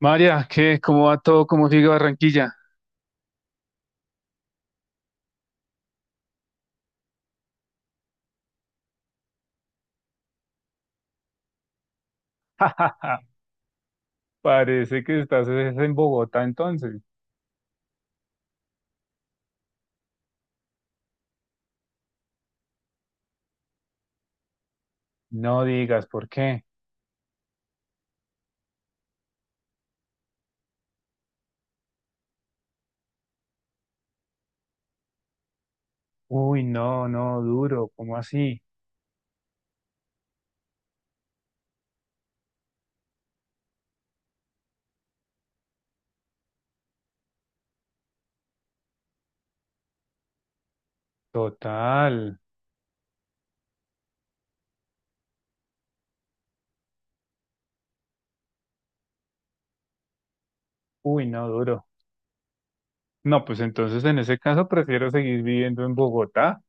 María, ¿qué? ¿Cómo va todo? ¿Cómo sigue Barranquilla? Parece que estás es en Bogotá entonces. No digas, ¿por qué? Uy, no, no, duro, ¿cómo así? Total, uy, no, duro. No, pues entonces en ese caso prefiero seguir viviendo en Bogotá.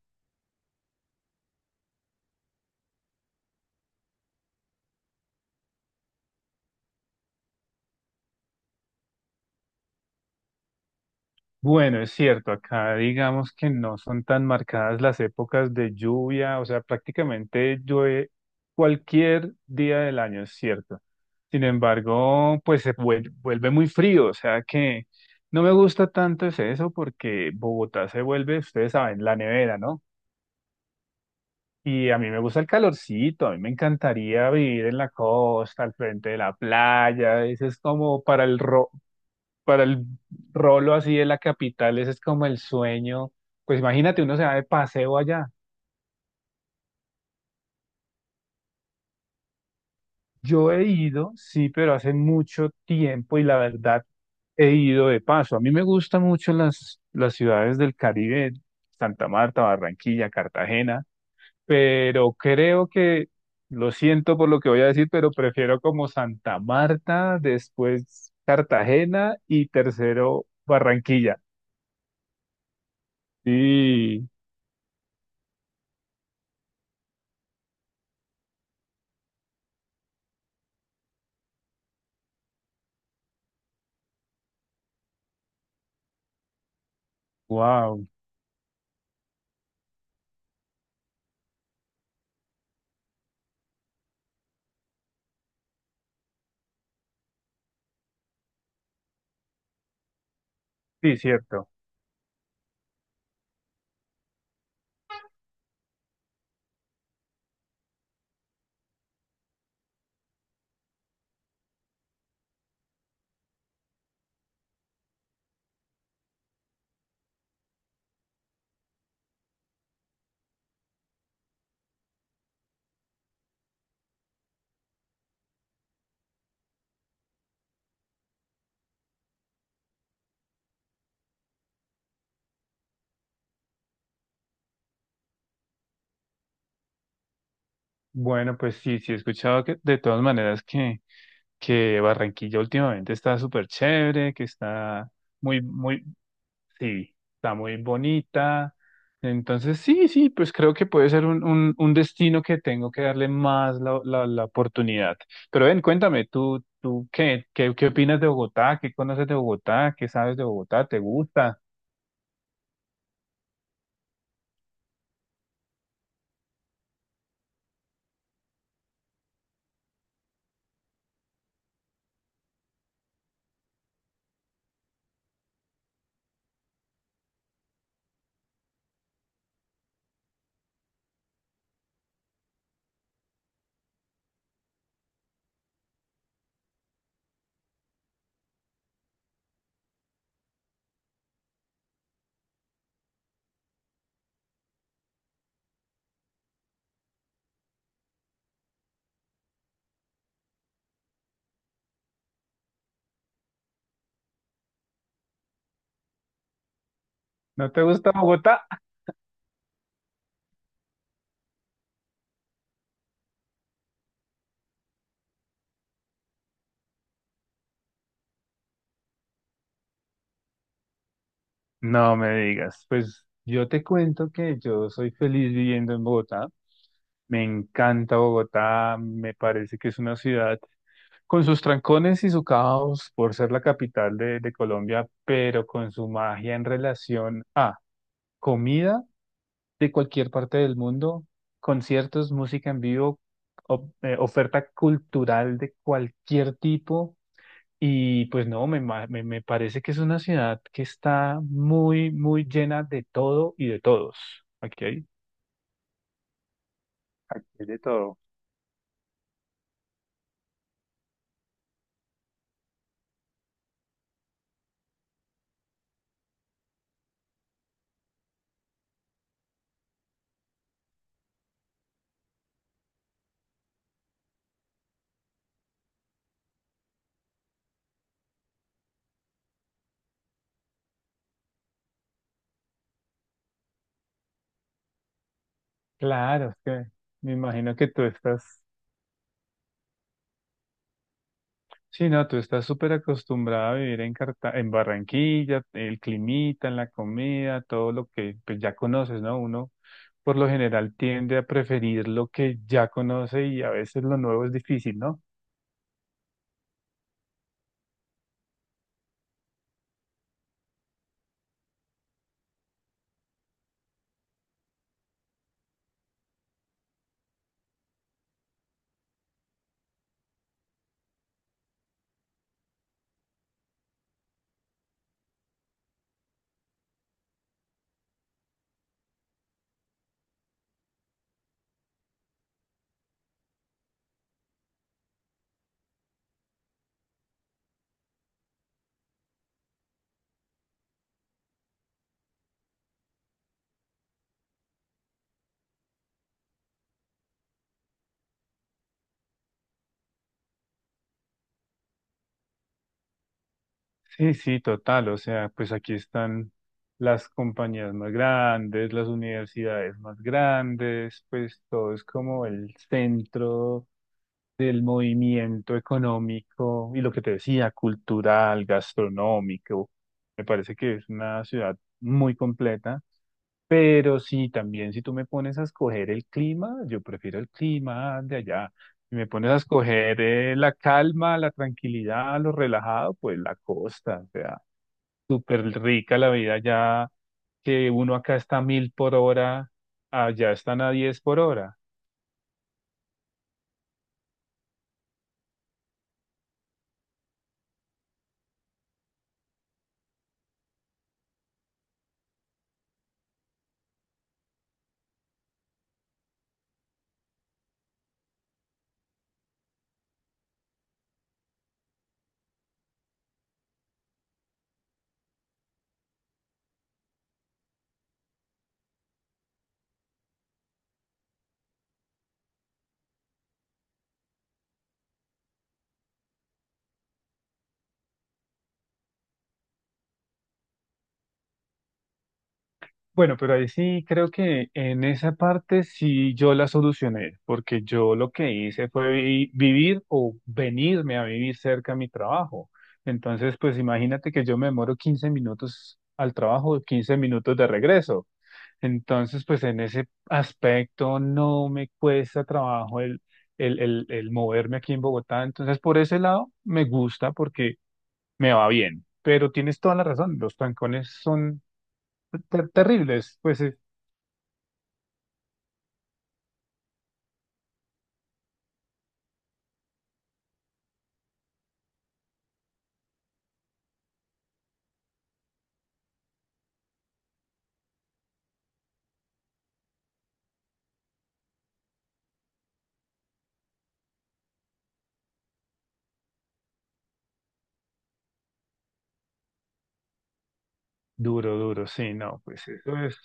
Bueno, es cierto, acá digamos que no son tan marcadas las épocas de lluvia, o sea, prácticamente llueve cualquier día del año, es cierto. Sin embargo, pues vuelve muy frío, o sea que no me gusta tanto es eso porque Bogotá se vuelve, ustedes saben, la nevera, ¿no? Y a mí me gusta el calorcito, a mí me encantaría vivir en la costa, al frente de la playa, eso es como para el, ro para el rolo así de la capital, ese es como el sueño. Pues imagínate, uno se va de paseo allá. Yo he ido, sí, pero hace mucho tiempo y la verdad he ido de paso. A mí me gustan mucho las ciudades del Caribe, Santa Marta, Barranquilla, Cartagena, pero creo que, lo siento por lo que voy a decir, pero prefiero como Santa Marta, después Cartagena y tercero Barranquilla. Sí, wow, sí, cierto. Bueno, pues sí, sí he escuchado que de todas maneras que Barranquilla últimamente está súper chévere, que está muy, muy, sí, está muy bonita. Entonces, sí, sí, pues creo que puede ser un destino que tengo que darle más la oportunidad. Pero ven, cuéntame, ¿tú qué, qué, qué opinas de Bogotá? ¿Qué conoces de Bogotá? ¿Qué sabes de Bogotá? ¿Te gusta? ¿No te gusta Bogotá? No me digas. Pues yo te cuento que yo soy feliz viviendo en Bogotá. Me encanta Bogotá, me parece que es una ciudad con sus trancones y su caos por ser la capital de Colombia, pero con su magia en relación a comida de cualquier parte del mundo, conciertos, música en vivo, oferta cultural de cualquier tipo. Y pues no, me parece que es una ciudad que está muy, muy llena de todo y de todos. Aquí hay, aquí hay de todo. Claro, es que me imagino que tú estás, sí, no, tú estás súper acostumbrada a vivir en en Barranquilla, el climita, la comida, todo lo que pues ya conoces, ¿no? Uno por lo general tiende a preferir lo que ya conoce y a veces lo nuevo es difícil, ¿no? Sí, sí, total. O sea, pues aquí están las compañías más grandes, las universidades más grandes, pues todo es como el centro del movimiento económico y lo que te decía, cultural, gastronómico. Me parece que es una ciudad muy completa. Pero sí, también si tú me pones a escoger el clima, yo prefiero el clima de allá. Si me pones a escoger la calma, la tranquilidad, lo relajado, pues la costa, o sea, súper rica la vida allá, que uno acá está a mil por hora, allá están a diez por hora. Bueno, pero ahí sí creo que en esa parte sí yo la solucioné, porque yo lo que hice fue vivir o venirme a vivir cerca a mi trabajo. Entonces, pues imagínate que yo me demoro 15 minutos al trabajo, 15 minutos de regreso. Entonces, pues en ese aspecto no me cuesta trabajo el moverme aquí en Bogotá. Entonces, por ese lado me gusta porque me va bien. Pero tienes toda la razón, los trancones son terribles. Pues duro, duro, sí, no, pues eso es,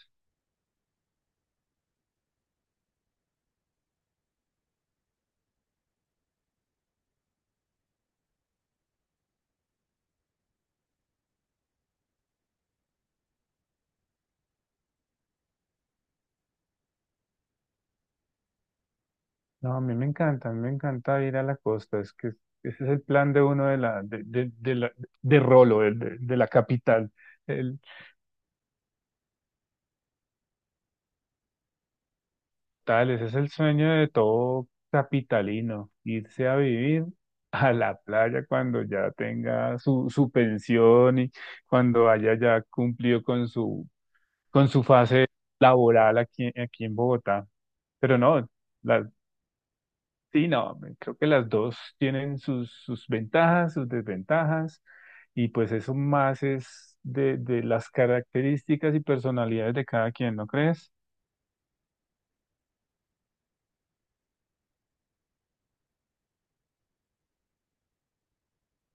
no, a mí me encanta, a mí me encanta ir a la costa, es que ese es el plan de uno de la, de Rolo, de la capital, el tal, ese es el sueño de todo capitalino, irse a vivir a la playa cuando ya tenga su pensión y cuando haya ya cumplido con su fase laboral aquí, aquí en Bogotá, pero no, la- sí, no, me- creo que las dos tienen sus, sus ventajas, sus desventajas, y pues eso más es de las características y personalidades de cada quien, ¿no crees?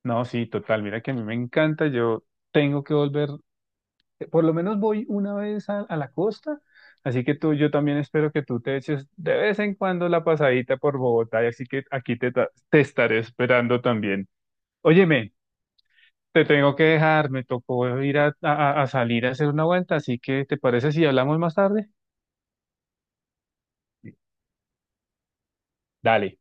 No, sí, total, mira que a mí me encanta, yo tengo que volver, por lo menos voy una vez a la costa, así que tú, yo también espero que tú te eches de vez en cuando la pasadita por Bogotá, y así que aquí te estaré esperando también. Óyeme. Te tengo que dejar, me tocó ir a salir a hacer una vuelta, así que ¿te parece si hablamos más tarde? Dale.